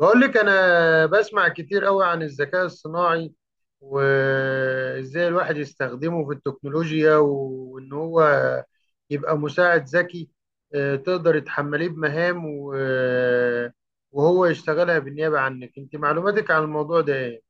بقول لك انا بسمع كتير قوي عن الذكاء الصناعي، وازاي الواحد يستخدمه في التكنولوجيا، وان هو يبقى مساعد ذكي. تقدر تحمليه بمهام وهو يشتغلها بالنيابة عنك. انت معلوماتك عن الموضوع ده ايه؟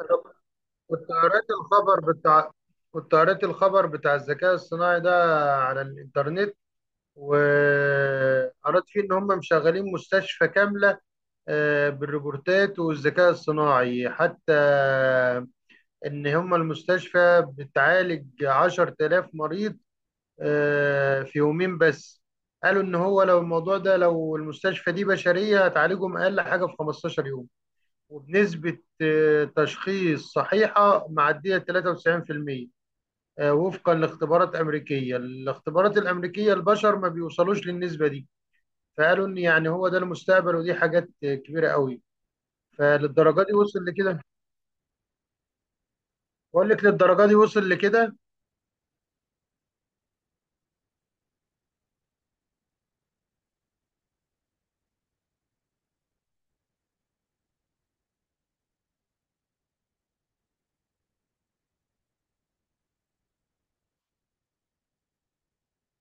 أنا كنت قرأت الخبر بتاع كنت قرأت الخبر بتاع الذكاء الصناعي ده على الانترنت، وقرأت فيه ان هم مشغلين مستشفى كاملة، بالروبوتات والذكاء الصناعي حتى. إن هم المستشفى بتعالج 10,000 مريض، في يومين بس. قالوا إن هو لو الموضوع ده لو المستشفى دي بشرية هتعالجهم أقل حاجة في 15 يوم، وبنسبة تشخيص صحيحة معدية 93%، وفقا لاختبارات أمريكية. الاختبارات الأمريكية البشر ما بيوصلوش للنسبة دي. فقالوا إن يعني هو ده المستقبل، ودي حاجات كبيرة قوي، فللدرجه دي وصل لكده. بقول لك للدرجه دي وصل لكده.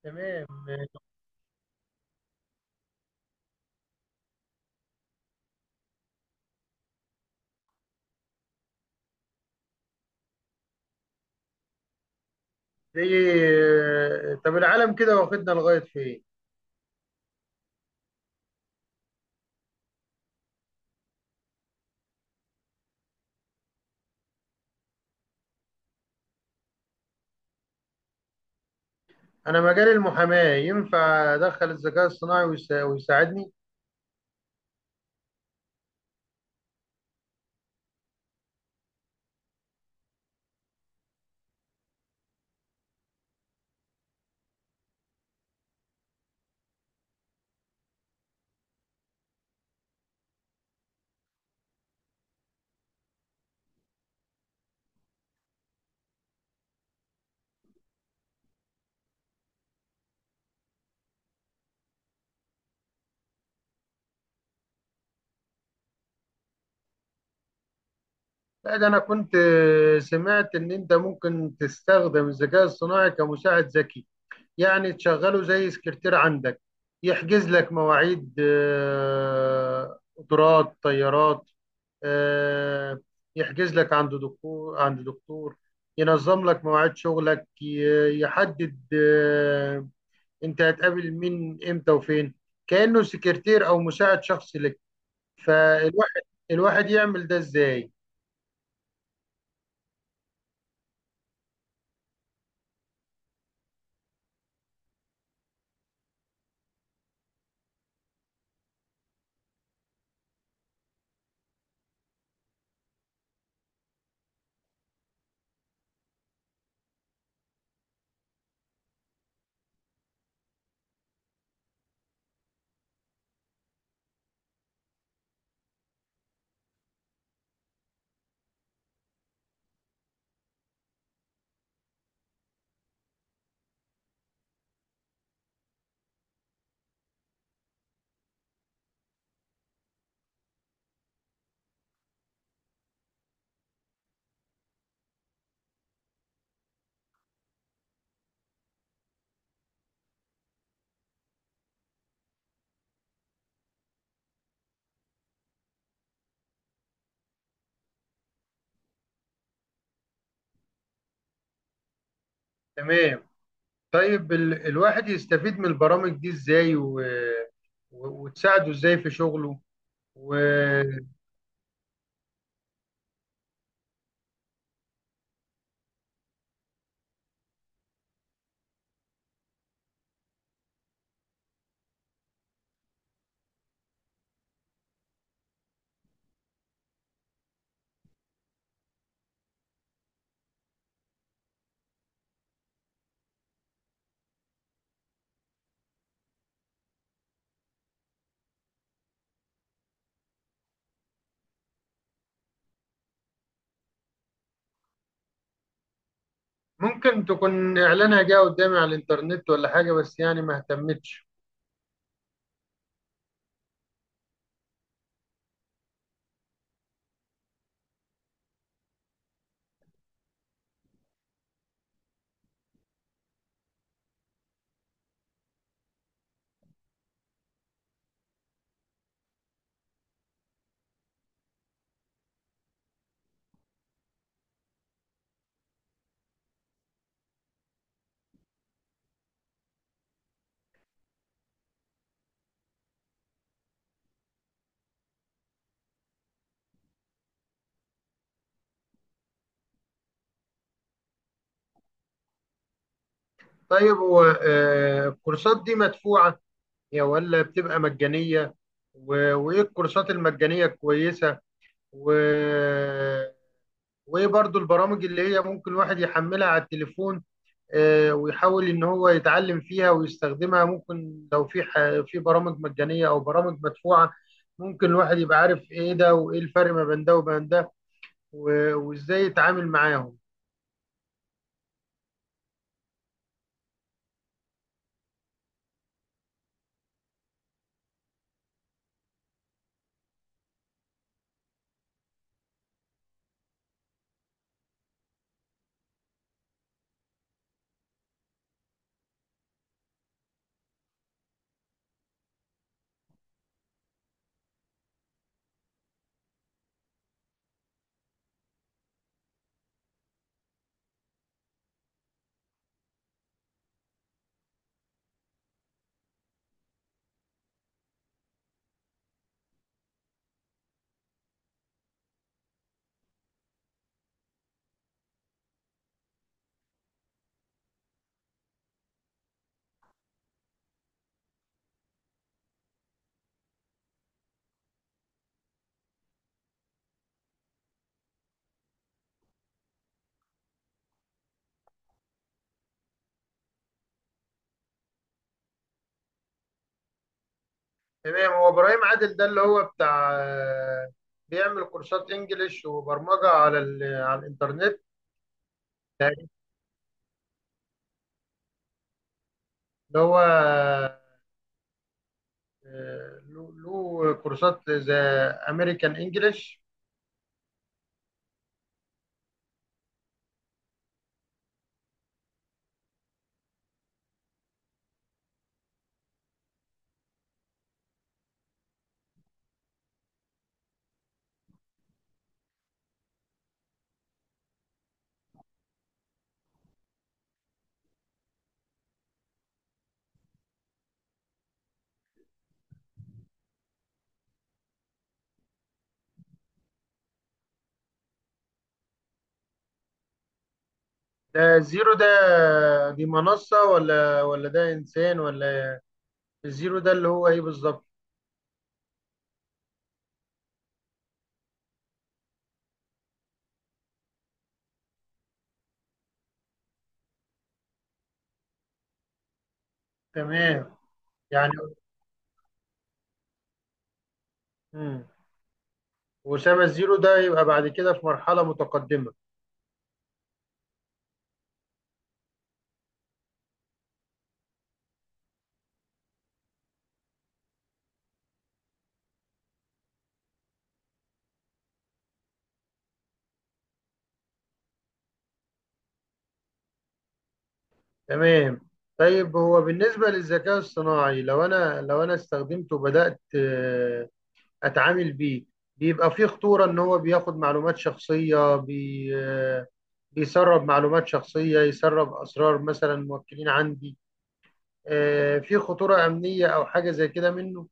تمام. زي طب العالم كده واخدنا لغايه فين؟ انا مجال المحاماه ينفع ادخل الذكاء الصناعي ويساعدني؟ لا، ده انا كنت سمعت ان انت ممكن تستخدم الذكاء الصناعي كمساعد ذكي. يعني تشغله زي سكرتير عندك، يحجز لك مواعيد قطارات طيارات، آه، يحجز لك عند دكتور، ينظم لك مواعيد شغلك، يحدد انت هتقابل مين امتى وفين. كأنه سكرتير او مساعد شخصي لك. فالواحد الواحد يعمل ده ازاي؟ تمام. طيب الواحد يستفيد من البرامج دي ازاي وتساعده ازاي في شغله؟ وممكن تكون إعلانها جه قدامي على الإنترنت ولا حاجة، بس يعني ما اهتمتش. طيب هو الكورسات دي مدفوعة يا ولا بتبقى مجانية؟ وإيه الكورسات المجانية الكويسة؟ و... وإيه برضو البرامج اللي هي ممكن الواحد يحملها على التليفون، ويحاول إن هو يتعلم فيها ويستخدمها؟ ممكن لو في في برامج مجانية أو برامج مدفوعة، ممكن الواحد يبقى عارف إيه ده وإيه الفرق ما بين ده وبين ده، وازاي يتعامل معاهم. تمام. هو ابراهيم عادل ده اللي هو بتاع بيعمل كورسات انجليش وبرمجه على على الانترنت؟ اللي هو له كورسات زي امريكان انجليش. ده زيرو ده دي منصه ولا ده انسان ولا؟ الزيرو ده اللي هو ايه بالظبط؟ تمام. يعني مم. وأسامة الزيرو ده يبقى بعد كده في مرحله متقدمه. تمام. طيب هو بالنسبة للذكاء الصناعي، لو أنا استخدمته وبدأت أتعامل بيه، بيبقى فيه خطورة إن هو بياخد معلومات شخصية، بي آه، بيسرب معلومات شخصية، يسرب أسرار مثلا موكلين عندي؟ في خطورة أمنية أو حاجة زي كده منه؟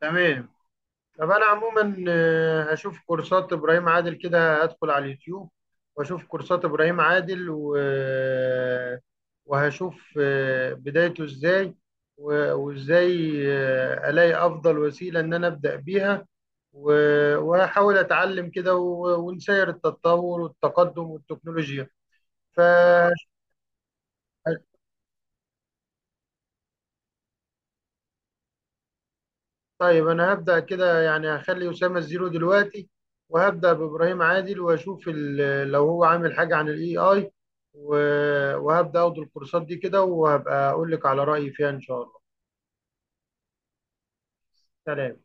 تمام. طب انا عموما اشوف كورسات ابراهيم عادل كده. هدخل على اليوتيوب واشوف كورسات ابراهيم عادل و... آه، وهشوف بدايته ازاي، وازاي الاقي افضل وسيلة ان انا ابدا بيها، وهحاول اتعلم كده، ونسير التطور والتقدم والتكنولوجيا. ف طيب انا هبدأ كده. يعني هخلي أسامة الزيرو دلوقتي، وهبدأ بإبراهيم عادل واشوف لو هو عامل حاجة عن الاي اي، وهبدأ اخد الكورسات دي كده، وهبقى اقول لك على رأيي فيها ان شاء الله. سلام.